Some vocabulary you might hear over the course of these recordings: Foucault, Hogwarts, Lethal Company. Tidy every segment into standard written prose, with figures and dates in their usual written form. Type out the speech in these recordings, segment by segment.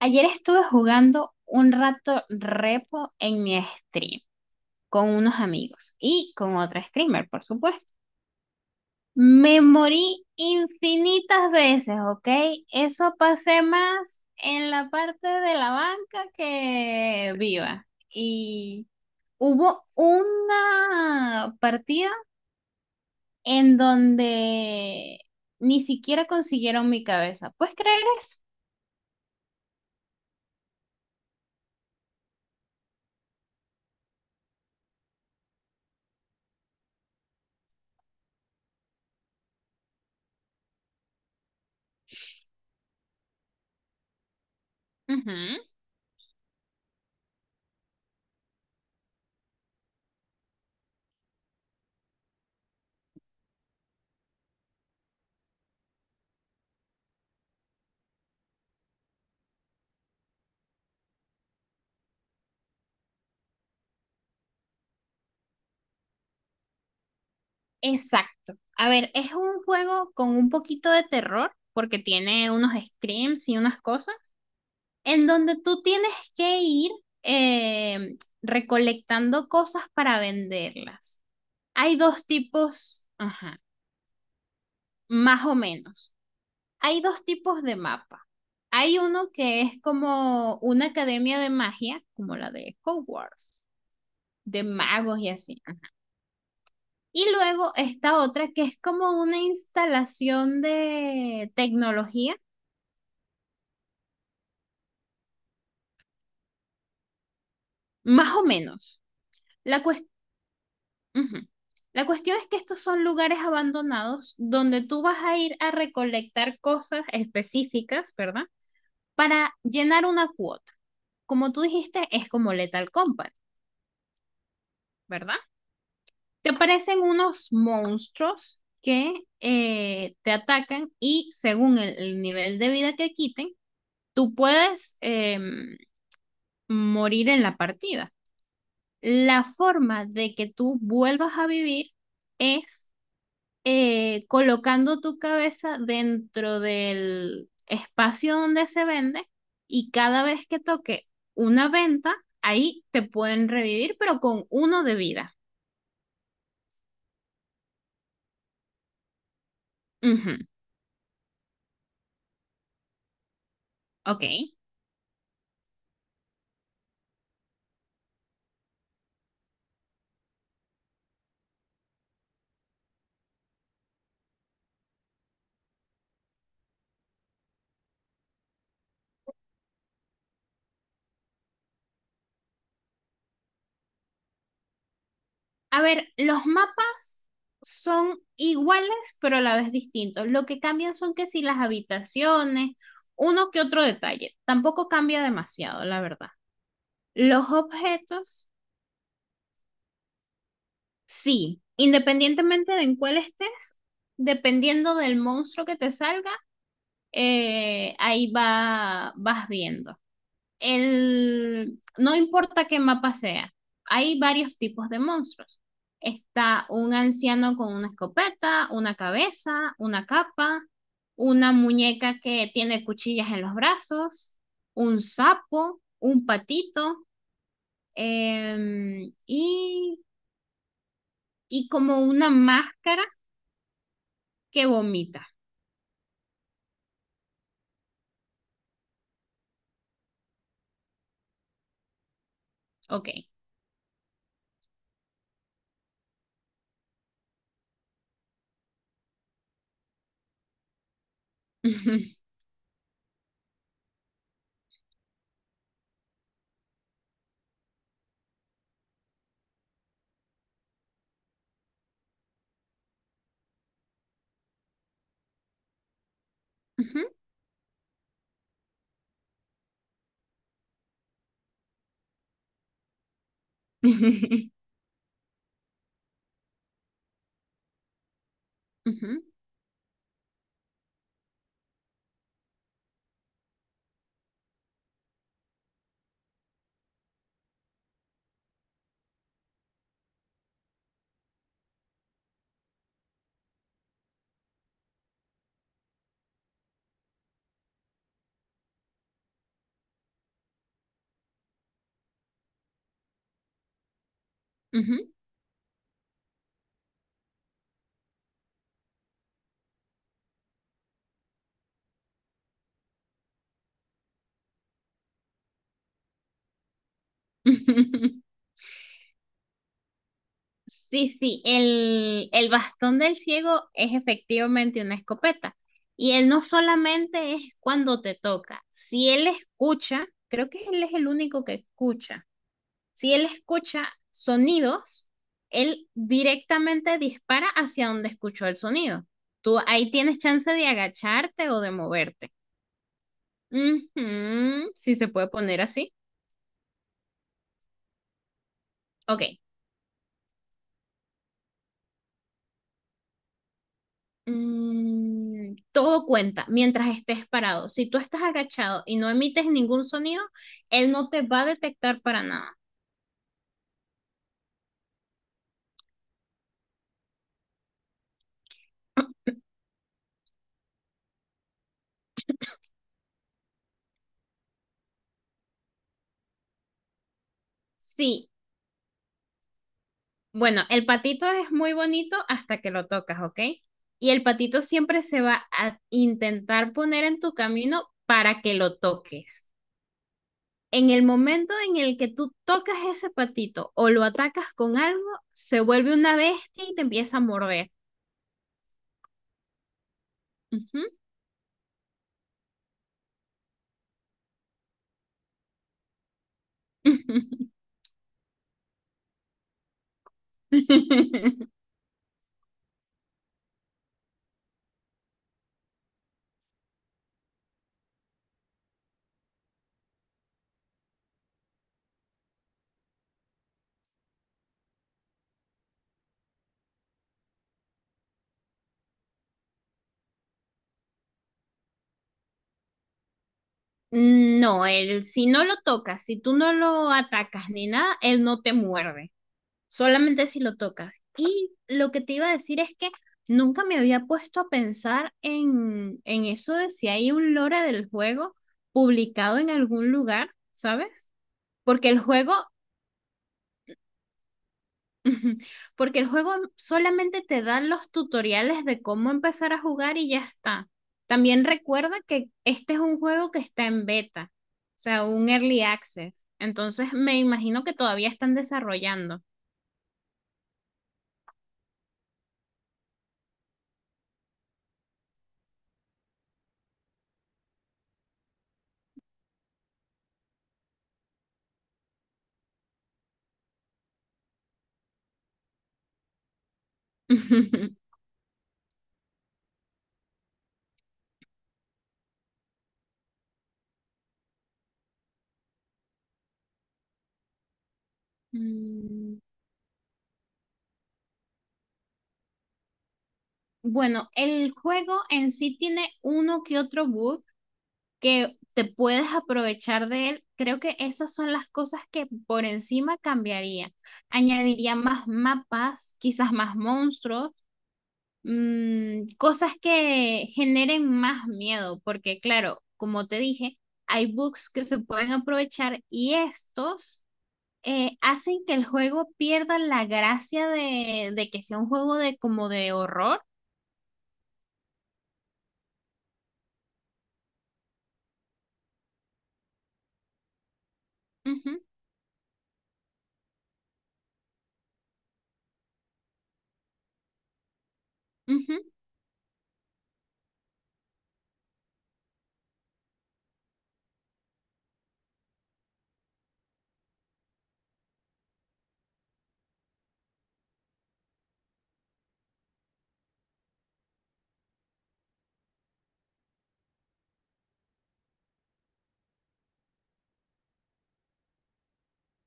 Ayer estuve jugando un rato repo en mi stream con unos amigos y con otra streamer, por supuesto. Me morí infinitas veces, ¿ok? Eso pasé más en la parte de la banca que viva. Y hubo una partida en donde ni siquiera consiguieron mi cabeza. ¿Puedes creer eso? Ujú. Exacto. A ver, es un juego con un poquito de terror, porque tiene unos screams y unas cosas, en donde tú tienes que ir recolectando cosas para venderlas. Hay dos tipos, ajá, más o menos. Hay dos tipos de mapa. Hay uno que es como una academia de magia, como la de Hogwarts, de magos y así. Y luego esta otra que es como una instalación de tecnología, más o menos. La, cuest- ujú. La cuestión es que estos son lugares abandonados donde tú vas a ir a recolectar cosas específicas, ¿verdad? Para llenar una cuota. Como tú dijiste, es como Lethal Company, ¿verdad? Te aparecen unos monstruos que te atacan y según el nivel de vida que quiten, tú puedes... morir en la partida. La forma de que tú vuelvas a vivir es colocando tu cabeza dentro del espacio donde se vende y cada vez que toque una venta, ahí te pueden revivir, pero con uno de vida. Ujú. Ok. A ver, los mapas son iguales, pero a la vez distintos. Lo que cambian son que si las habitaciones, uno que otro detalle. Tampoco cambia demasiado, la verdad. Los objetos, sí, independientemente de en cuál estés, dependiendo del monstruo que te salga, ahí va, vas viendo. El, no importa qué mapa sea, hay varios tipos de monstruos. Está un anciano con una escopeta, una cabeza, una capa, una muñeca que tiene cuchillas en los brazos, un sapo, un patito, eh, y y como una máscara que vomita. Ok. Sí, sí, el bastón del ciego es efectivamente una escopeta. Y él no solamente es cuando te toca, si él escucha, creo que él es el único que escucha, si él escucha sonidos, él directamente dispara hacia donde escuchó el sonido. Tú ahí tienes chance de agacharte o de moverte. Ujú. Si se puede poner así. Ok. Mm, todo cuenta mientras estés parado. Si tú estás agachado y no emites ningún sonido, él no te va a detectar para nada. Sí. Bueno, el patito es muy bonito hasta que lo tocas, ¿ok? Y el patito siempre se va a intentar poner en tu camino para que lo toques. En el momento en el que tú tocas ese patito o lo atacas con algo, se vuelve una bestia y te empieza a morder. Ujú. No, él si no lo tocas, si tú no lo atacas ni nada, él no te muerde, solamente si lo tocas. Y lo que te iba a decir es que nunca me había puesto a pensar en eso de si hay un lore del juego publicado en algún lugar, ¿sabes? Porque el juego Ujú. Porque el juego solamente te da los tutoriales de cómo empezar a jugar y ya está. También recuerda que este es un juego que está en beta, o sea, un early access. Entonces me imagino que todavía están desarrollando. Mm. Bueno, el juego en sí tiene uno que otro bug que te puedes aprovechar de él. Creo que esas son las cosas que por encima cambiaría. Añadiría más mapas, quizás más monstruos, cosas que generen más miedo, porque claro, como te dije, hay bugs que se pueden aprovechar y estos hacen que el juego pierda la gracia de que sea un juego de como de horror. Ujú, ujú.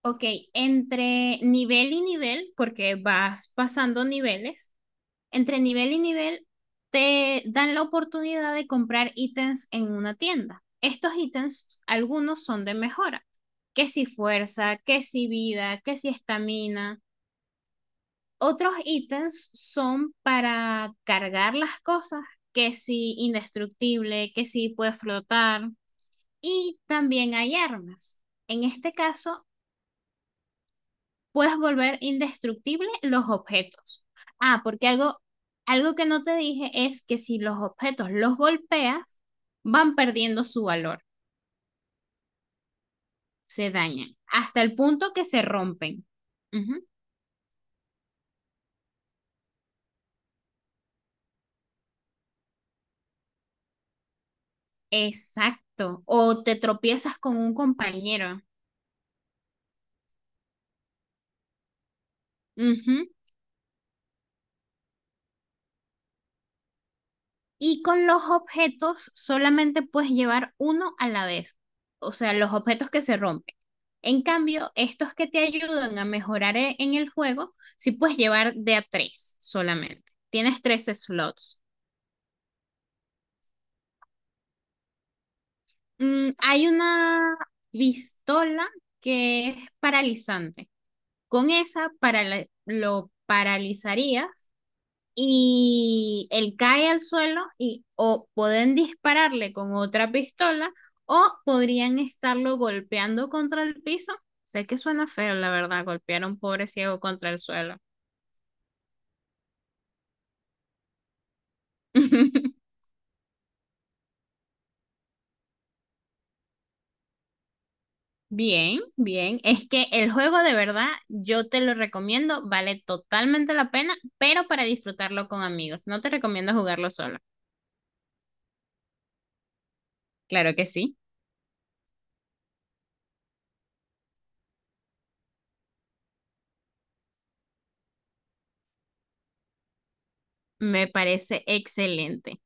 Ok, entre nivel y nivel, porque vas pasando niveles, entre nivel y nivel te dan la oportunidad de comprar ítems en una tienda. Estos ítems, algunos son de mejora, que si fuerza, que si vida, que si estamina. Otros ítems son para cargar las cosas, que si indestructible, que si puede flotar. Y también hay armas. En este caso, puedes volver indestructible los objetos. Ah, porque algo, algo que no te dije es que si los objetos los golpeas, van perdiendo su valor, se dañan, hasta el punto que se rompen. Ujú. Exacto. O te tropiezas con un compañero. Ujú. Y con los objetos solamente puedes llevar uno a la vez, o sea, los objetos que se rompen. En cambio, estos que te ayudan a mejorar en el juego, sí puedes llevar de a tres solamente. Tienes tres slots. Mm, hay una pistola que es paralizante. Con esa para lo paralizarías y él cae al suelo y o pueden dispararle con otra pistola o podrían estarlo golpeando contra el piso. Sé que suena feo, la verdad, golpear a un pobre ciego contra el suelo. Bien, bien. Es que el juego de verdad yo te lo recomiendo, vale totalmente la pena, pero para disfrutarlo con amigos. No te recomiendo jugarlo solo. Claro que sí. Me parece excelente.